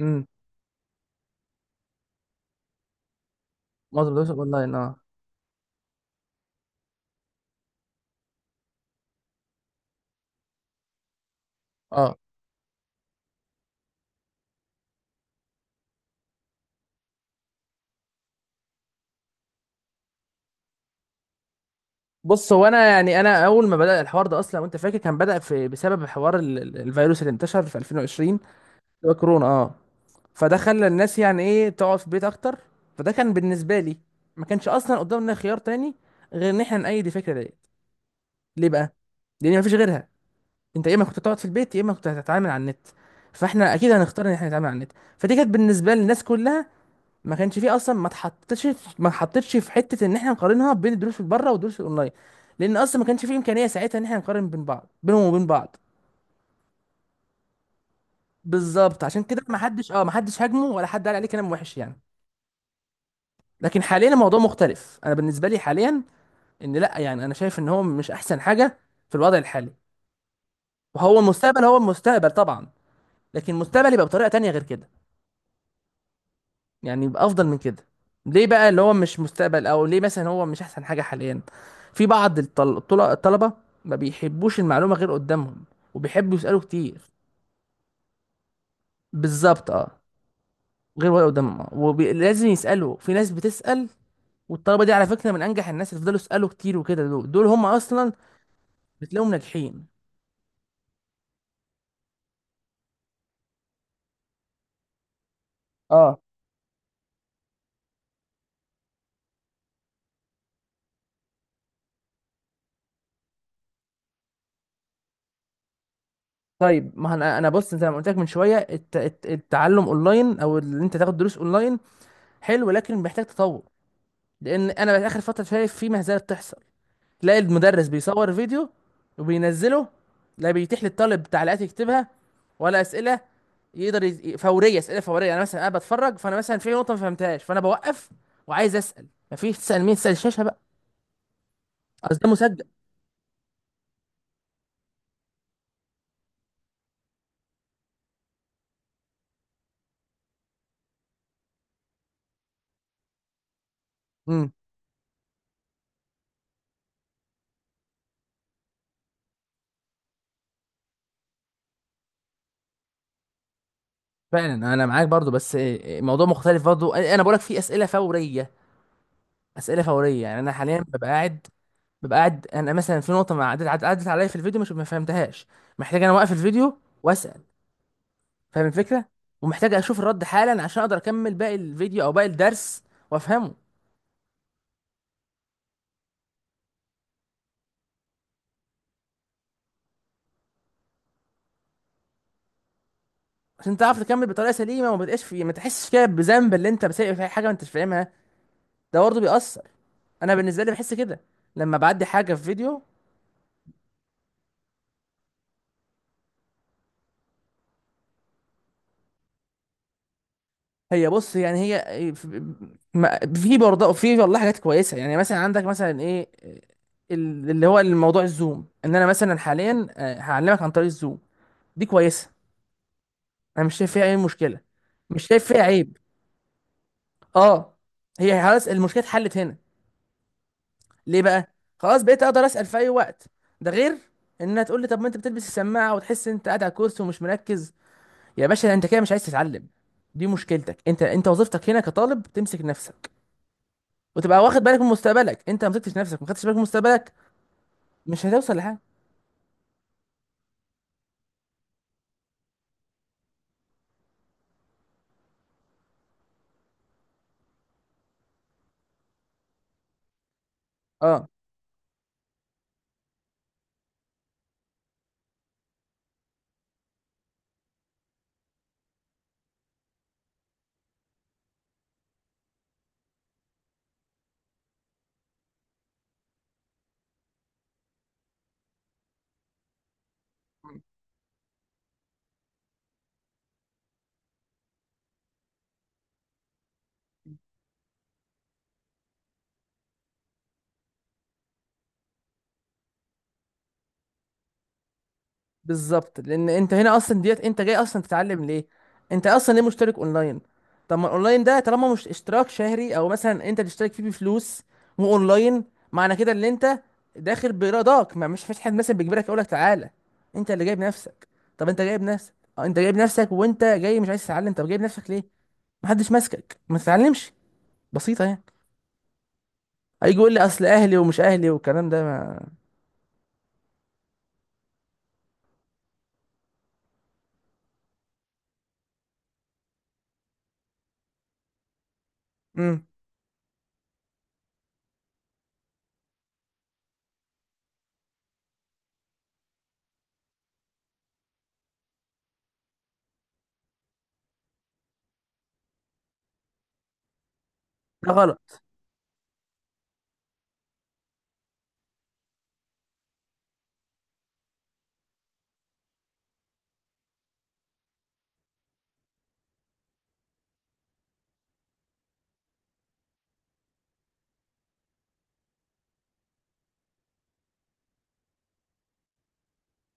امم، معظم دروس اونلاين اه، اه، بص، هو انا يعني اول ما بدأ الحوار ده اصلا، وانت فاكر كان بدأ في بسبب حوار الفيروس اللي انتشر في 2020. اللي هو كورونا اه. فده خلى الناس، يعني ايه، تقعد في البيت اكتر. فده كان بالنسبه لي، ما كانش اصلا قدامنا خيار تاني غير ان احنا نأيد الفكره ديت. ليه بقى؟ لان مفيش غيرها. انت يا اما كنت تقعد في البيت، يا اما كنت هتتعامل على النت، فاحنا اكيد هنختار ان احنا نتعامل على النت. فدي كانت بالنسبه للناس كلها، ما كانش فيه اصلا، ما اتحطتش في حته ان احنا نقارنها بين الدروس اللي بره والدروس الاونلاين، لان اصلا ما كانش فيه امكانيه ساعتها ان احنا نقارن بين بعض، بينهم وبين بعض. بالظبط، عشان كده ما حدش هاجمه، ولا حد قال عليه كلام وحش يعني. لكن حاليا الموضوع مختلف. انا بالنسبه لي حاليا، ان لا يعني، انا شايف ان هو مش احسن حاجه في الوضع الحالي. وهو المستقبل، هو المستقبل طبعا، لكن المستقبل يبقى بطريقه تانية غير كده، يعني يبقى افضل من كده. ليه بقى اللي هو مش مستقبل، او ليه مثلا هو مش احسن حاجه حاليا؟ في بعض الطلبه ما بيحبوش المعلومه غير قدامهم، وبيحبوا يسالوا كتير. بالظبط اه. غير ولا قدامهم اه، ولازم يسالوا. في ناس بتسال، والطلبه دي على فكره من انجح الناس، اللي فضلوا يسالوا كتير وكده. دول هم اصلا بتلاقيهم ناجحين. اه. طيب، ما انا بص، زي ما قلت لك من شويه، التعلم اونلاين او اللي انت تاخد دروس اونلاين، حلو لكن محتاج تطور. لان انا بقى اخر فتره شايف في مهزله بتحصل. تلاقي المدرس بيصور فيديو وبينزله، لا بيتيح للطالب تعليقات يكتبها، ولا اسئله. يقدر يز... فوريه اسئله فوريه. انا مثلا بتفرج، فانا مثلا في نقطه ما فهمتهاش، فانا بوقف وعايز اسال. مفيش. تسال مين؟ تسال الشاشه بقى؟ اصل ده مسجل. امم، فعلا انا معاك برضو. بس إيه، موضوع مختلف برضو. انا بقولك في اسئله فوريه. اسئله فوريه يعني انا حاليا ببقى قاعد، انا مثلا في نقطه ما عدت عليا في الفيديو، مش ما فهمتهاش. محتاج انا اوقف الفيديو واسال. فاهم الفكره؟ ومحتاج اشوف الرد حالا عشان اقدر اكمل باقي الفيديو او باقي الدرس وافهمه. عشان تعرف تكمل بطريقه سليمه، وما تبقاش في، ما تحسش كده بذنب اللي انت بسيء في حاجه ما انتش فاهمها. ده برضه بيأثر. انا بالنسبه لي بحس كده لما بعدي حاجه في فيديو. هي بص، يعني هي في في برضه في والله حاجات كويسه. يعني مثلا عندك مثلا ايه، اللي هو الموضوع الزوم، ان انا مثلا حاليا هعلمك عن طريق الزوم، دي كويسه. انا مش شايف فيها اي مشكله، مش شايف فيها عيب. اه، هي خلاص المشكله اتحلت هنا. ليه بقى؟ خلاص بقيت اقدر اسال في اي وقت. ده غير انها تقول لي، طب ما انت بتلبس السماعه وتحس انت قاعد على الكرسي ومش مركز. يا باشا، انت كده مش عايز تتعلم. دي مشكلتك انت. انت وظيفتك هنا كطالب تمسك نفسك، وتبقى واخد بالك من مستقبلك. انت ما مسكتش نفسك، ما خدتش بالك من مستقبلك، مش هتوصل لحاجه. اه، بالظبط. لان انت هنا اصلا ديت، انت جاي اصلا تتعلم ليه؟ انت اصلا ليه مشترك اونلاين؟ طب ما الاونلاين ده، طالما مش اشتراك شهري او مثلا انت تشترك فيه بفلوس، واونلاين، معنى كده ان انت داخل برضاك، ما مش فيش حد مثلا بيجبرك يقول لك تعالى. انت اللي جايب نفسك. طب انت جايب نفسك، اه، انت جايب نفسك وانت جاي مش عايز تتعلم، طب جايب نفسك ليه؟ محدش ماسكك، ما تتعلمش. بسيطه يعني. هيجي يقول لي اصل اهلي ومش اهلي والكلام ده ما... مم. ده غلط.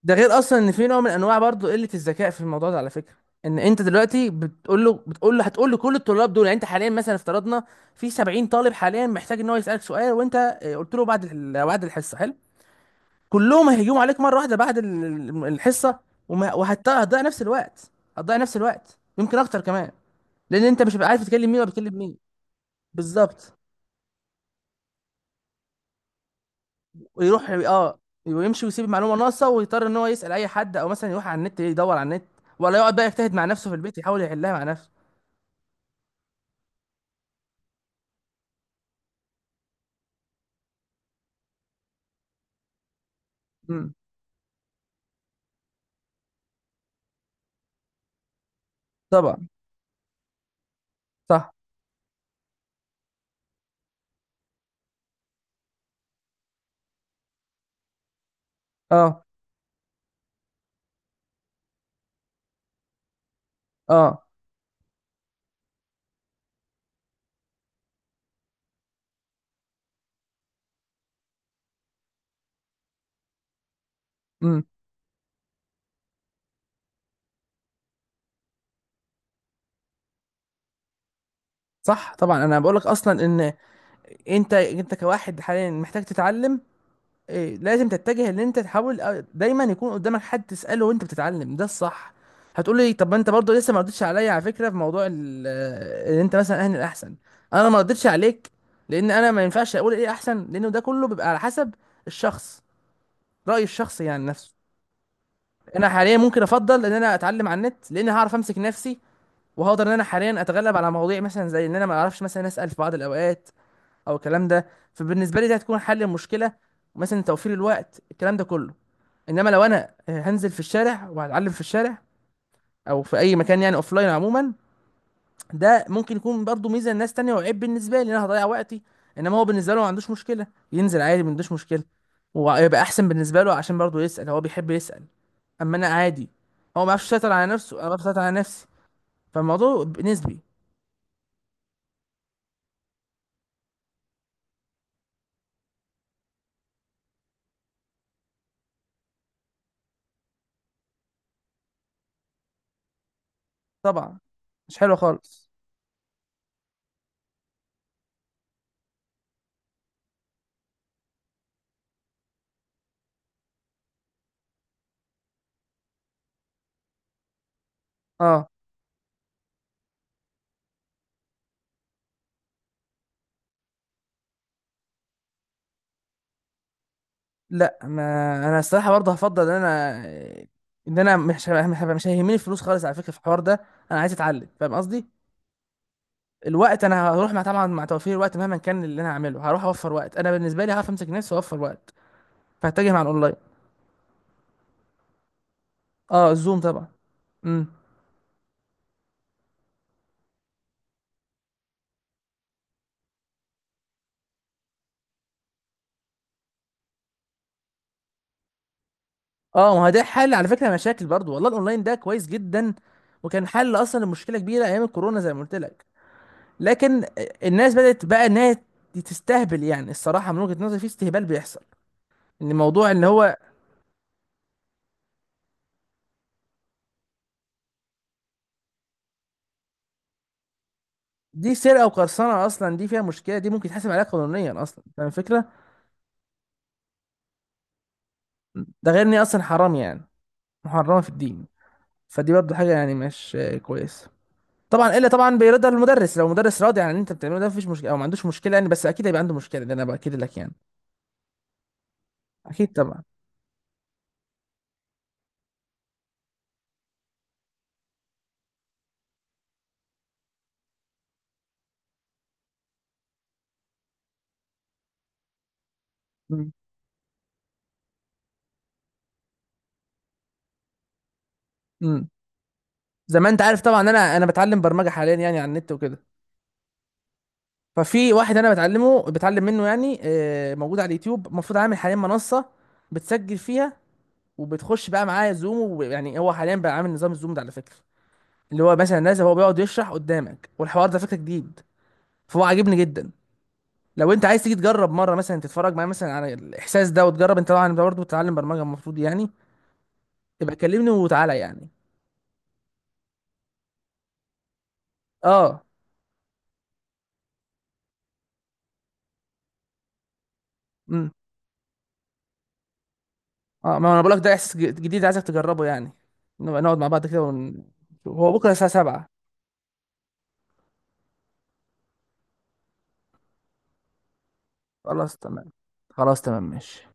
ده غير اصلا ان في نوع من انواع برضو قله الذكاء في الموضوع ده على فكره. ان انت دلوقتي بتقول له هتقول له كل الطلاب دول، يعني انت حاليا مثلا افترضنا في 70 طالب حاليا محتاج ان هو يسالك سؤال، وانت قلت له بعد بعد الحصه، حلو. كلهم هيهجموا عليك مره واحده بعد الحصه. وهتضيع نفس الوقت، هتضيع نفس الوقت يمكن اكتر كمان. لان انت مش هتبقى عارف تكلم مين ولا بتكلم مين. بالظبط. ويروح اه، ويمشي ويسيب المعلومه ناقصه، ويضطر ان هو يسال اي حد، او مثلا يروح على النت، يدور على النت، ولا يقعد بقى يجتهد مع نفسه في البيت يحاول يحلها مع نفسه. امم، طبعا. صح. اه، اه، امم، صح طبعا. انا بقول لك اصلا ان انت كواحد حاليا محتاج تتعلم، إيه، لازم تتجه ان انت تحاول دايما يكون قدامك حد تساله وانت بتتعلم، ده الصح. هتقول لي طب ما انت برضه لسه ما ردتش عليا على فكره في موضوع ان انت مثلا اهل الاحسن. انا ما ردتش عليك لان انا ما ينفعش اقول ايه احسن، لانه ده كله بيبقى على حسب الشخص، راي الشخص يعني نفسه. انا حاليا ممكن افضل ان انا اتعلم على النت، لان هعرف امسك نفسي، وهقدر ان انا حاليا اتغلب على مواضيع مثلا زي ان انا ما اعرفش مثلا اسال في بعض الاوقات، او الكلام ده. فبالنسبه لي ده هتكون حل المشكله، مثلا توفير الوقت، الكلام ده كله. انما لو انا هنزل في الشارع وهتعلم في الشارع، او في اي مكان يعني لاين عموما، ده ممكن يكون برضو ميزه لناس تانية، وعيب بالنسبه لي، ان انا هضيع وقتي. انما هو بالنسبه له ما عندوش مشكله ينزل عادي، ما عندوش مشكله، ويبقى احسن بالنسبه له، عشان برضو يسال، هو بيحب يسال. اما انا عادي. هو ما بيعرفش يسيطر على نفسه، انا ما بعرفش اسيطر على نفسي. فالموضوع نسبي. طبعا. مش حلو خالص. اه. لا، ما انا الصراحه برضه هفضل ان انا، ان انا مش هيهمني الفلوس خالص على فكره في الحوار ده. انا عايز اتعلم، فاهم قصدي؟ الوقت، انا هروح مع طبعا مع توفير الوقت. مهما كان اللي انا هعمله هروح اوفر وقت. انا بالنسبه لي هعرف امسك نفسي واوفر وقت. فهتجه مع الاونلاين. اه، الزوم طبعا. امم. اه، ما هو ده حل على فكره مشاكل، برضو والله الاونلاين ده كويس جدا، وكان حل اصلا لمشكله كبيره ايام الكورونا، زي ما قلت لك. لكن الناس بدات بقى انها تستهبل يعني. الصراحه من وجهه نظري في استهبال بيحصل. ان موضوع ان هو، دي سرقه وقرصنه اصلا. دي فيها مشكله، دي ممكن تحاسب عليها قانونيا اصلا، فاهم الفكره. ده غير ان هي اصلا حرام يعني، محرمه في الدين. فدي برضه حاجه يعني مش كويسه. طبعا، الا طبعا بيرضى المدرس. لو المدرس راضي عن اللي انت بتعمله ده مفيش مشكله، او ما عندوش مشكله يعني. بس اكيد هيبقى عنده مشكله ده، انا باكد لك يعني. اكيد طبعا. امم. امم. زي ما انت عارف طبعا، انا بتعلم برمجه حاليا، يعني على النت وكده. ففي واحد انا بتعلمه، بتعلم منه يعني، موجود على اليوتيوب. المفروض عامل حاليا منصه بتسجل فيها، وبتخش بقى معايا زوم. ويعني هو حاليا بقى عامل نظام الزوم ده على فكره، اللي هو مثلا نازل هو بيقعد يشرح قدامك، والحوار ده فكره جديد، فهو عاجبني جدا. لو انت عايز تيجي تجرب مره مثلا، تتفرج معايا مثلا على الاحساس ده وتجرب، انت طبعا انت برضه بتتعلم برمجه المفروض يعني، يبقى كلمني وتعالى يعني. اه. امم. اه، ما انا بقول لك ده احساس جديد، عايزك تجربه يعني. نبقى نقعد مع بعض كده هو بكره الساعه 7. خلاص تمام. خلاص تمام ماشي.